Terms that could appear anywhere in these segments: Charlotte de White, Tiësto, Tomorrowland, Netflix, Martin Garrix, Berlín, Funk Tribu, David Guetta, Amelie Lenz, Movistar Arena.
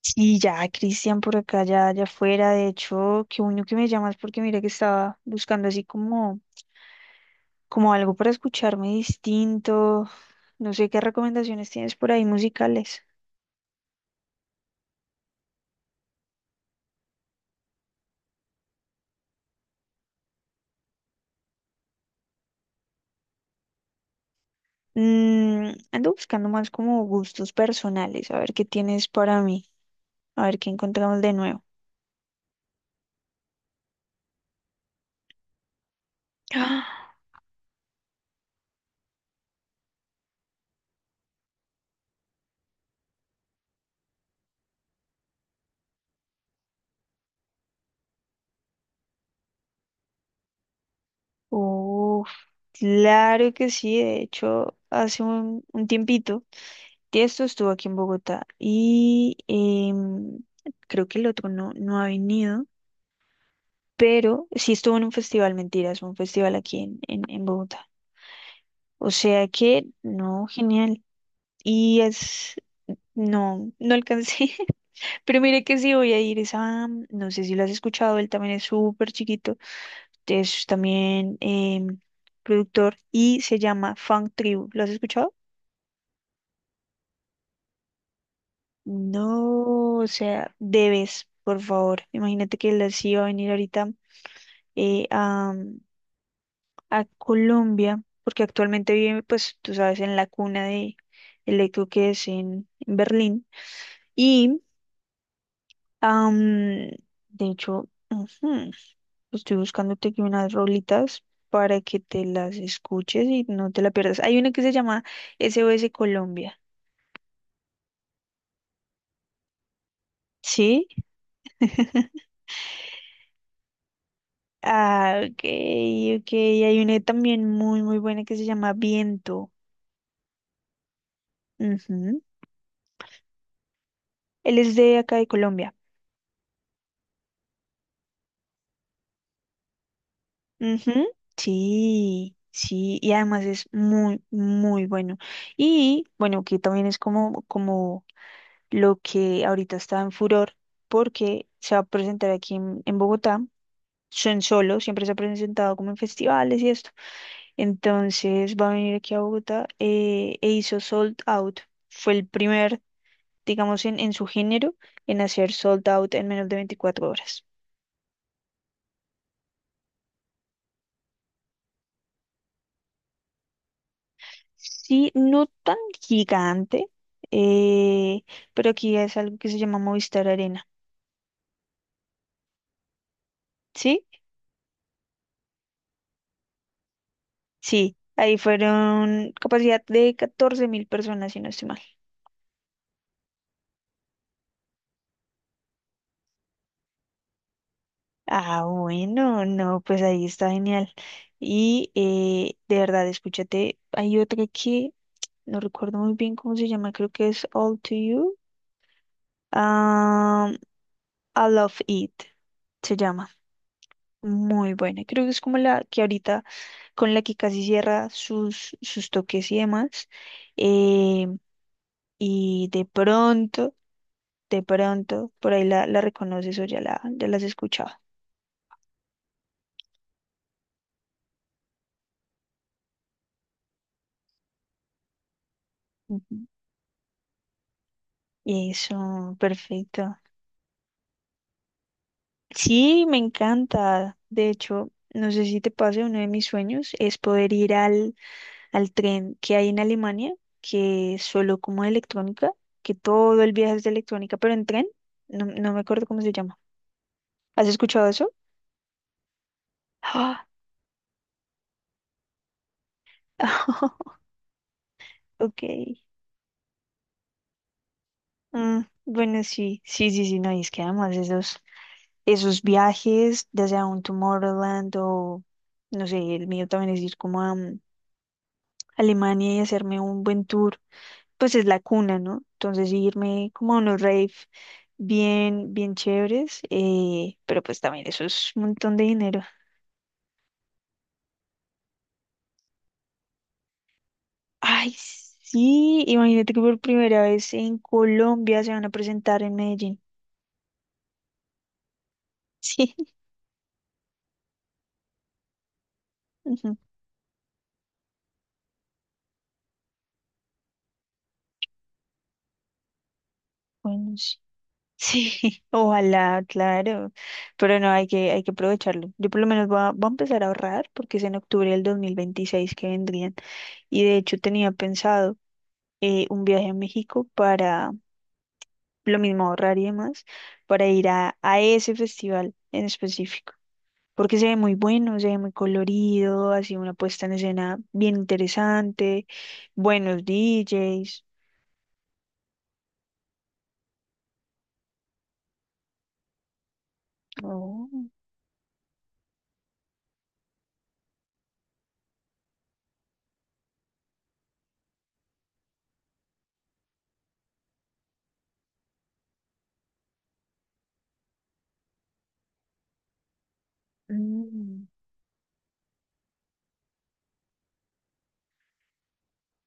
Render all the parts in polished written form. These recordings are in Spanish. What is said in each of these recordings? Sí, ya, Cristian, por acá, ya, ya afuera. De hecho, qué bueno que me llamas porque mira que estaba buscando así como, como algo para escucharme distinto. No sé qué recomendaciones tienes por ahí musicales. Ando buscando más como gustos personales, a ver qué tienes para mí, a ver qué encontramos de nuevo. ¡Ah! Claro que sí. De hecho, hace un tiempito, Tiesto estuvo aquí en Bogotá y creo que el otro no, no ha venido. Pero sí estuvo en un festival, mentiras, un festival aquí en Bogotá. O sea que, no, genial. Y es, no, no alcancé. Pero mire que sí voy a ir, es a, no sé si lo has escuchado, él también es súper chiquito, es también productor y se llama Funk Tribu. ¿Lo has escuchado? No, o sea, debes, por favor. Imagínate que él sí va a venir ahorita eh, a a Colombia, porque actualmente vive, pues tú sabes, en la cuna de el eco, que es en Berlín. Y, am, de hecho, ujú, estoy buscándote aquí unas rolitas para que te las escuches y no te la pierdas. Hay una que se llama SOS Colombia. ¿Sí? Ah, ok, ok. Hay una también muy, muy buena que se llama Viento. Ujú. Él es de acá de Colombia. Ujú. Sí, sí, y además es muy, muy bueno. Y bueno, que también es como, como lo que ahorita está en furor, porque se va a presentar aquí en Bogotá. Son solo, siempre se ha presentado como en festivales y esto. Entonces va a venir aquí a Bogotá e hizo Sold Out. Fue el primer, digamos, en su género en hacer Sold Out en menos de 24 horas. Sí, no tan gigante, eh, pero aquí es algo que se llama Movistar Arena. ¿Sí? Sí, ahí fueron capacidad de 14 mil personas, si no estoy mal. Ah, bueno, no, pues ahí está genial. Y de verdad, escúchate, hay otra que no recuerdo muy bien cómo se llama, creo que es All to You. Ah, I Love It se llama. Muy buena. Creo que es como la que ahorita con la que casi cierra sus toques y demás. Eh, y de pronto, por ahí la reconoces o ya ya la has escuchado. Ujú. Eso, perfecto. Sí, me encanta. De hecho, no sé si te pase, uno de mis sueños es poder ir al tren que hay en Alemania, que es solo como de electrónica, que todo el viaje es de electrónica, pero en tren, no, no me acuerdo cómo se llama. ¿Has escuchado eso? Ah, ok. Bueno, sí, sí, sí, sí, no, y es que además esos viajes, ya sea un Tomorrowland o, no sé, el mío también es ir como a Alemania y hacerme un buen tour, pues es la cuna, ¿no? Entonces sí, irme como a unos rave bien, bien chéveres, pero pues también eso es un montón de dinero. Ay, sí, imagínate que por primera vez en Colombia se van a presentar en Medellín. Sí. Bueno, sí. Sí, ojalá, claro. Pero no, hay que aprovecharlo. Yo por lo menos voy a empezar a ahorrar porque es en octubre del 2026 que vendrían. Y de hecho tenía pensado un viaje a México para lo mismo ahorrar y demás, para ir a ese festival en específico. Porque se ve muy bueno, se ve muy colorido, así una puesta en escena bien interesante, buenos DJs. Oh, mm.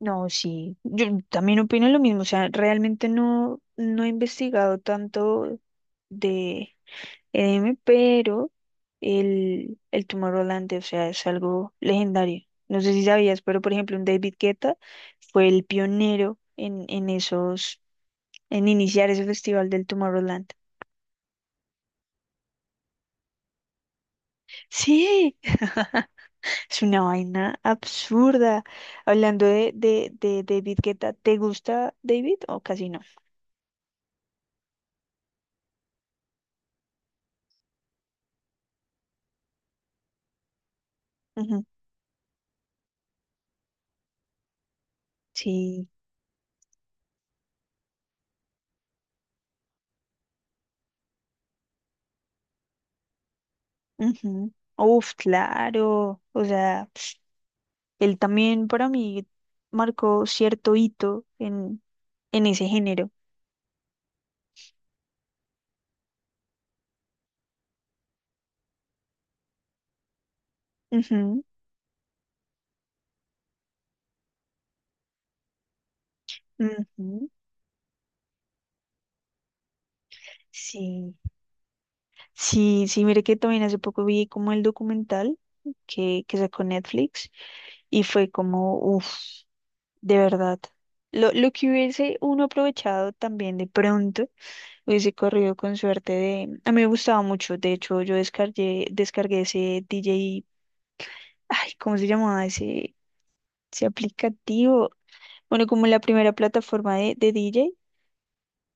No, sí, yo también opino lo mismo, o sea, realmente no, no he investigado tanto de EDM, pero el Tomorrowland, o sea, es algo legendario. No sé si sabías, pero por ejemplo, un David Guetta fue el pionero en esos, en iniciar ese festival del Tomorrowland. Sí, es una vaina absurda. Hablando de David Guetta, ¿te gusta David o casi no? Ujú. Sí. Ujú. Uf, claro. O sea, él también para mí marcó cierto hito en ese género. Ujú, ujú. Sí. Sí, sí, mire que también hace poco vi como el documental que sacó Netflix y fue como, uff, de verdad. Lo que hubiese uno aprovechado también de pronto, hubiese corrido con suerte de… A mí me gustaba mucho, de hecho yo descargué ese DJ, ay, ¿cómo se llamaba ese aplicativo? Bueno, como la primera plataforma de DJ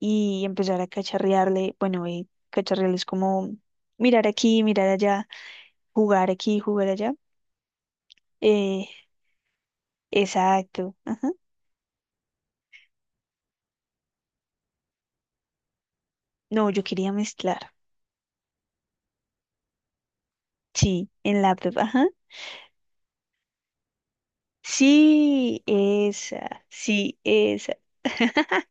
y empezar a cacharrearle, bueno, y cacharrearle es como mirar aquí, mirar allá, jugar aquí, jugar allá. Eh, exacto, ajá. No, yo quería mezclar, sí, en laptop, ajá. Sí, esa, sí, esa.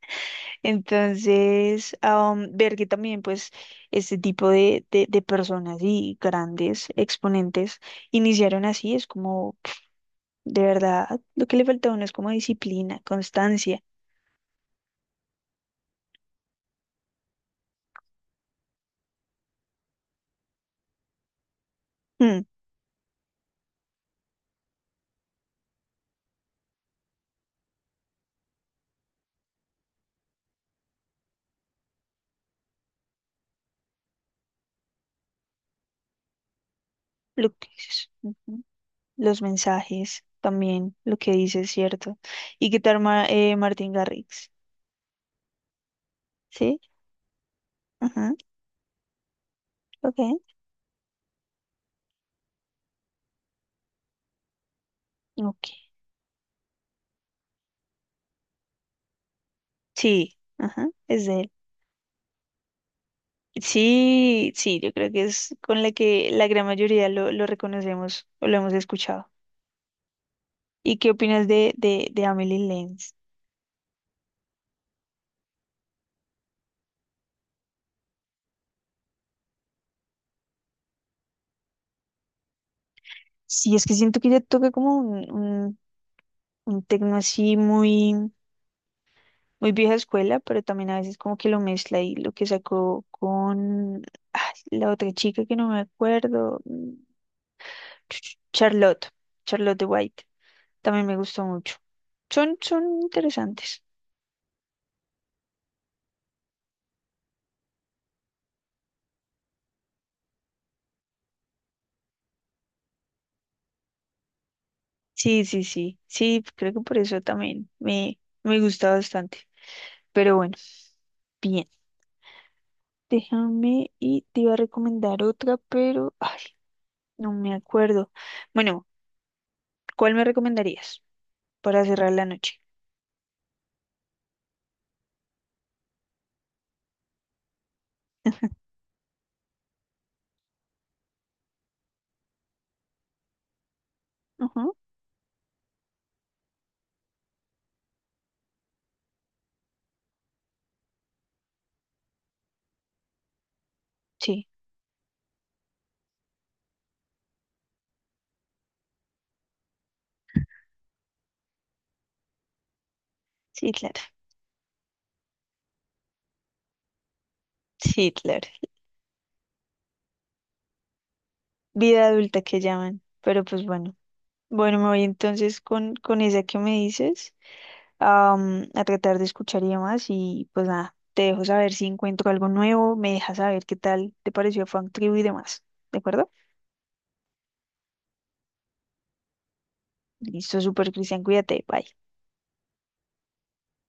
Entonces, ver que también, pues, este tipo de personas y grandes exponentes iniciaron así, es como, pf, de verdad, lo que le falta a uno es como disciplina, constancia. Mm, lo que dices, ujú. Los mensajes también, lo que dices, ¿cierto? ¿Y qué tal Martin Garrix? ¿Sí? Ajá, ok. Ok. Sí, ajá, es de él. Sí, sí, yo creo que es con la que la gran mayoría lo reconocemos o lo hemos escuchado. ¿Y qué opinas de Amelie Lenz? Sí, es que siento que ella toca como un tecno así muy, muy vieja escuela, pero también a veces como que lo mezcla y lo que sacó con ay, la otra chica que no me acuerdo, Charlotte, Charlotte de White, también me gustó mucho. Son, son interesantes. Sí, sí, sí, sí, creo que por eso también me gusta bastante. Pero bueno, bien, déjame y te iba a recomendar otra, pero ay, no me acuerdo. Bueno, ¿cuál me recomendarías para cerrar la noche? Ajá. Sí, sí, claro, sí, claro. Vida adulta que llaman, pero pues bueno. Bueno, me voy entonces con esa que me dices. A tratar de escuchar y demás. Y pues nada, te dejo saber si encuentro algo nuevo, me dejas saber qué tal te pareció Frank Tribu y demás. ¿De acuerdo? Listo, súper Cristian, cuídate, bye.